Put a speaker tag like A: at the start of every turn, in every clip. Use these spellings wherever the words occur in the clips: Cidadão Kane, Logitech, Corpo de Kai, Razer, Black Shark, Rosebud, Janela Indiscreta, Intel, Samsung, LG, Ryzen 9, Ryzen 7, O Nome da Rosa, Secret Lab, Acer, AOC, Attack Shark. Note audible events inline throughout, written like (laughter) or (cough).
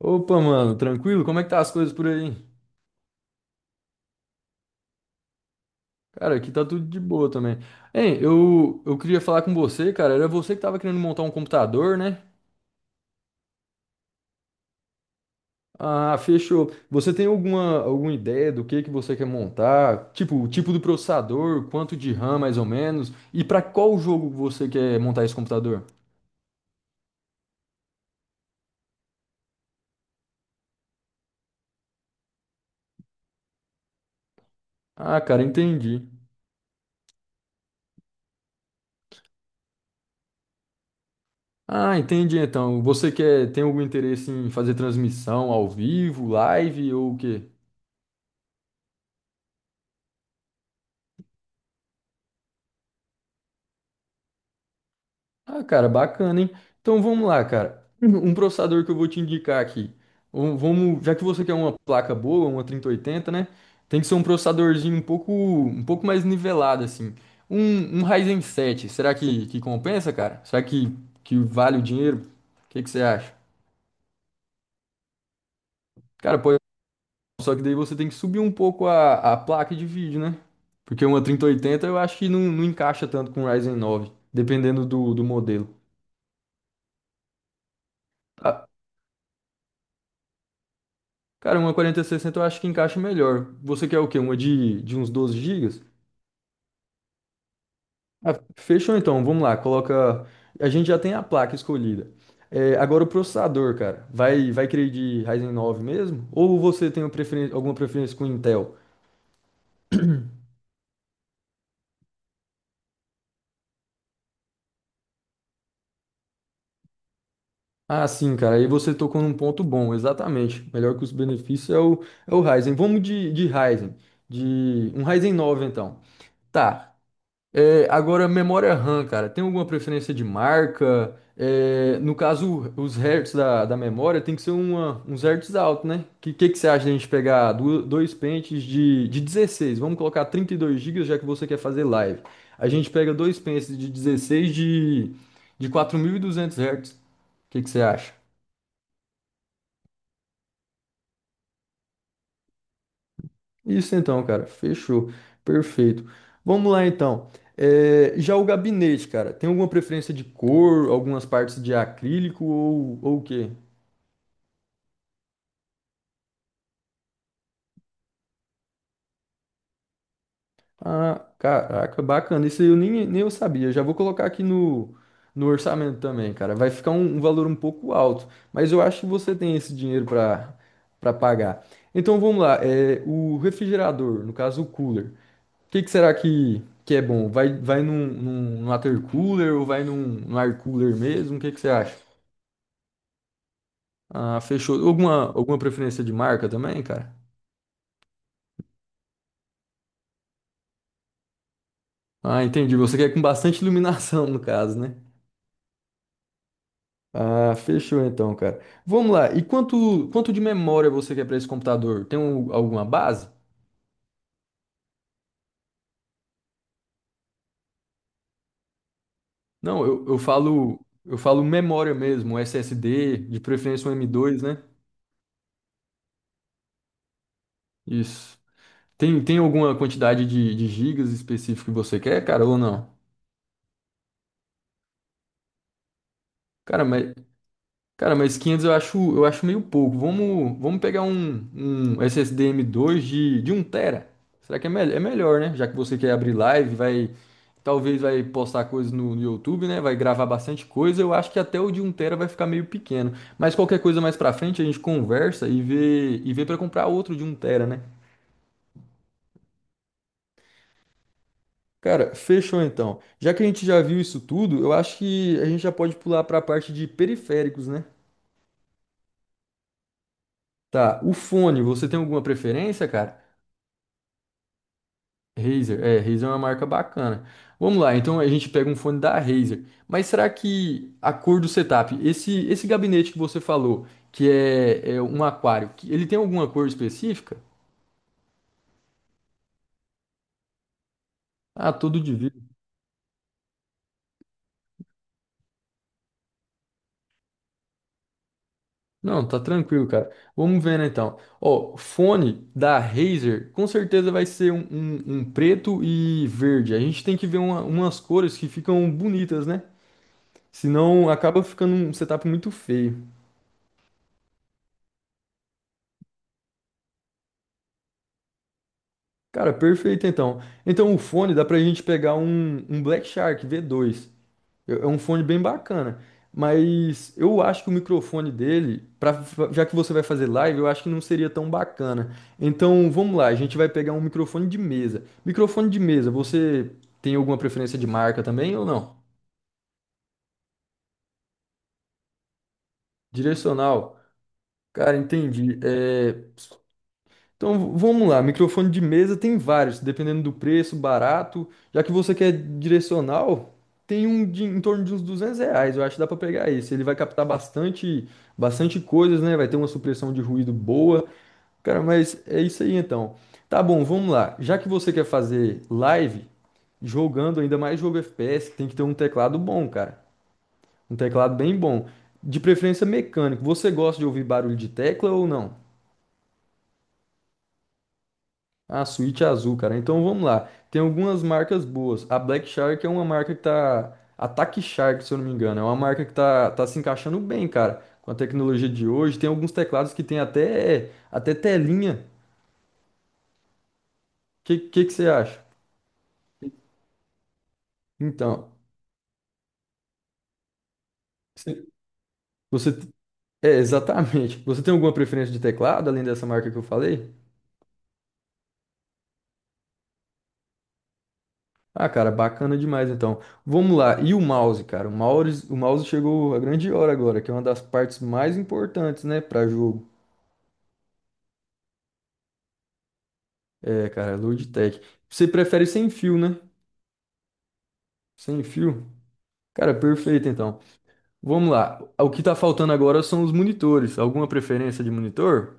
A: Opa, mano, tranquilo? Como é que tá as coisas por aí? Cara, aqui tá tudo de boa também. Hein, eu queria falar com você, cara. Era você que tava querendo montar um computador, né? Ah, fechou. Você tem alguma ideia do que você quer montar? Tipo, o tipo do processador, quanto de RAM mais ou menos? E pra qual jogo você quer montar esse computador? Ah, cara, entendi. Ah, entendi então. Você quer, tem algum interesse em fazer transmissão ao vivo, live ou o quê? Ah, cara, bacana, hein? Então vamos lá, cara. Um processador que eu vou te indicar aqui. Vamos, já que você quer uma placa boa, uma 3080, né? Tem que ser um processadorzinho um pouco mais nivelado, assim. Um Ryzen 7, será que compensa, cara? Será que vale o dinheiro? O que que você acha? Cara, pode, só que daí você tem que subir um pouco a placa de vídeo, né? Porque uma 3080 eu acho que não, não encaixa tanto com o Ryzen 9, dependendo do modelo. Ah, cara, uma 4060 eu acho que encaixa melhor. Você quer o quê? Uma de uns 12 gigas? Ah, fechou então, vamos lá, coloca. A gente já tem a placa escolhida. É, agora o processador, cara. Vai querer de Ryzen 9 mesmo? Ou você tem uma alguma preferência com Intel? Ah, sim, cara. Aí você tocou num ponto bom, exatamente. Melhor que os benefícios é o Ryzen. Vamos de Ryzen. De um Ryzen 9, então. Tá. É, agora, memória RAM, cara, tem alguma preferência de marca? É, no caso, os hertz da memória tem que ser uma, uns hertz alto, né? Que que você acha de a gente pegar dois pentes de 16. Vamos colocar 32 gigas já que você quer fazer live. A gente pega dois pentes de 16 de 4200 hertz. O que que você acha? Isso então, cara. Fechou. Perfeito. Vamos lá então. É, já o gabinete, cara, tem alguma preferência de cor, algumas partes de acrílico ou o quê? Ah, caraca, bacana. Isso aí eu nem, nem eu sabia. Já vou colocar aqui no orçamento também, cara. Vai ficar um valor um pouco alto, mas eu acho que você tem esse dinheiro para pagar. Então vamos lá. É, o refrigerador, no caso o cooler. O que será que é bom? Vai num water cooler ou vai num air cooler mesmo? O que você acha? Ah, fechou. Alguma preferência de marca também, cara? Ah, entendi. Você quer com bastante iluminação, no caso, né? Ah, fechou então, cara. Vamos lá. E quanto de memória você quer para esse computador? Tem alguma base? Não, eu falo memória mesmo, SSD, de preferência um M2, né? Isso. Tem alguma quantidade de gigas específico que você quer, cara, ou não? Cara, mas, cara, mas 500 eu acho meio pouco. Vamos pegar um SSD M2 de um tera. Será que é melhor, né? Já que você quer abrir live, vai, talvez vai postar coisas no YouTube, né? Vai gravar bastante coisa. Eu acho que até o de um tera vai ficar meio pequeno. Mas qualquer coisa mais pra frente a gente conversa e vê para comprar outro de um tera, né? Cara, fechou então. Já que a gente já viu isso tudo, eu acho que a gente já pode pular pra parte de periféricos, né? Tá, o fone, você tem alguma preferência, cara? Razer. É, Razer é uma marca bacana. Vamos lá, então a gente pega um fone da Razer. Mas será que a cor do setup, esse gabinete que você falou, que é um aquário, que ele tem alguma cor específica? Ah, todo de vidro. Não, tá tranquilo, cara. Vamos vendo então. Ó, fone da Razer, com certeza vai ser um preto e verde. A gente tem que ver umas cores que ficam bonitas, né? Senão acaba ficando um setup muito feio. Cara, perfeito então. Então o fone dá pra gente pegar um Black Shark V2. É um fone bem bacana. Mas eu acho que o microfone dele, já que você vai fazer live, eu acho que não seria tão bacana. Então vamos lá, a gente vai pegar um microfone de mesa. Microfone de mesa, você tem alguma preferência de marca também ou não? Direcional. Cara, entendi. É, então vamos lá, microfone de mesa tem vários, dependendo do preço, barato. Já que você quer direcional, tem um de, em torno de uns R$ 200, eu acho que dá para pegar esse. Ele vai captar bastante, bastante coisas, né? Vai ter uma supressão de ruído boa. Cara, mas é isso aí então. Tá bom, vamos lá. Já que você quer fazer live, jogando ainda mais jogo FPS, tem que ter um teclado bom, cara. Um teclado bem bom. De preferência mecânico. Você gosta de ouvir barulho de tecla ou não? A suíte azul, cara. Então vamos lá. Tem algumas marcas boas. A Black Shark é uma marca que tá. Attack Shark, se eu não me engano. É uma marca que tá se encaixando bem, cara. Com a tecnologia de hoje. Tem alguns teclados que tem até telinha. O que você acha? Então, você. você- é, exatamente. Você tem alguma preferência de teclado, além dessa marca que eu falei? Ah, cara, bacana demais então. Vamos lá. E o mouse, cara? o mouse, chegou a grande hora agora, que é uma das partes mais importantes, né, para jogo. É, cara, Logitech. Você prefere sem fio, né? Sem fio? Cara, perfeito então. Vamos lá. O que tá faltando agora são os monitores. Alguma preferência de monitor?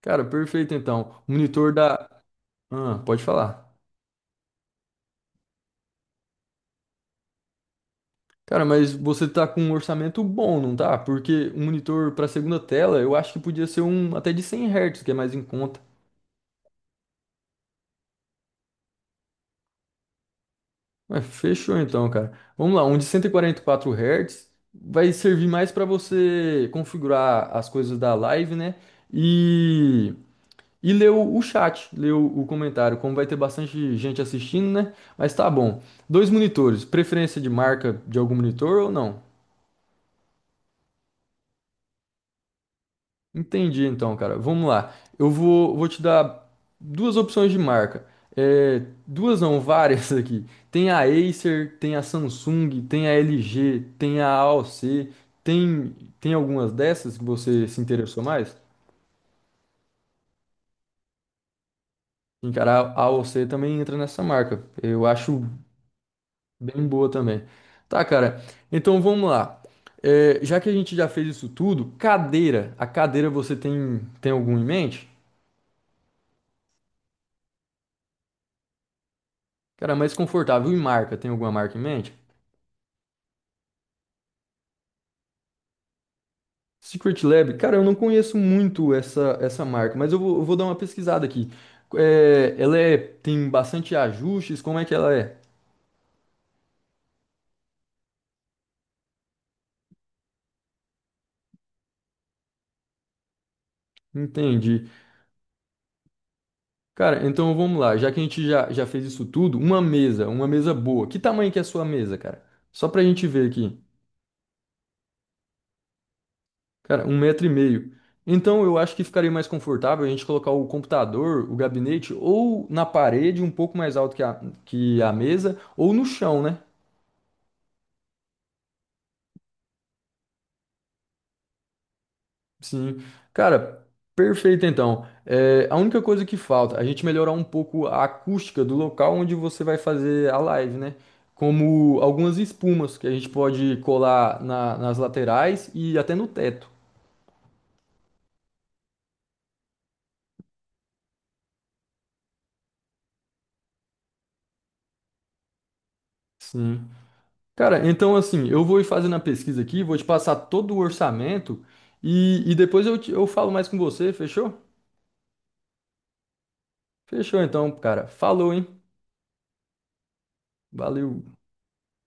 A: Cara, perfeito então. Monitor da. Ah, pode falar. Cara, mas você tá com um orçamento bom, não tá? Porque um monitor pra segunda tela, eu acho que podia ser um até de 100 Hz, que é mais em conta. Ué, fechou então, cara. Vamos lá, um de cento e quarenta e quatro Hz vai servir mais para você configurar as coisas da live, né? E, e ler o chat, ler o comentário, como vai ter bastante gente assistindo, né? Mas tá bom. Dois monitores, preferência de marca de algum monitor ou não? Entendi, então, cara. Vamos lá. Eu vou te dar duas opções de marca. É, duas não, várias (laughs) aqui. Tem a Acer, tem a Samsung, tem a LG, tem a AOC. Tem algumas dessas que você se interessou mais? Sim, cara, a AOC também entra nessa marca. Eu acho bem boa também. Tá, cara. Então vamos lá. É, já que a gente já fez isso tudo, cadeira. A cadeira você tem algum em mente? Cara, é mais confortável. E marca? Tem alguma marca em mente? Secret Lab, cara, eu não conheço muito essa marca, mas eu vou dar uma pesquisada aqui. É, ela é, tem bastante ajustes, como é que ela é? Entendi. Cara, então vamos lá. Já que a gente já fez isso tudo, uma mesa boa. Que tamanho que é a sua mesa, cara? Só pra gente ver aqui. Cara, 1,5 m. Então eu acho que ficaria mais confortável a gente colocar o computador, o gabinete, ou na parede, um pouco mais alto que a mesa, ou no chão, né? Sim, cara, perfeito então. É, a única coisa que falta, a gente melhorar um pouco a acústica do local onde você vai fazer a live, né? Como algumas espumas que a gente pode colar nas laterais e até no teto. Sim. Cara, então assim, eu vou ir fazendo a pesquisa aqui, vou te passar todo o orçamento e depois eu falo mais com você, fechou? Fechou então, cara. Falou, hein? Valeu.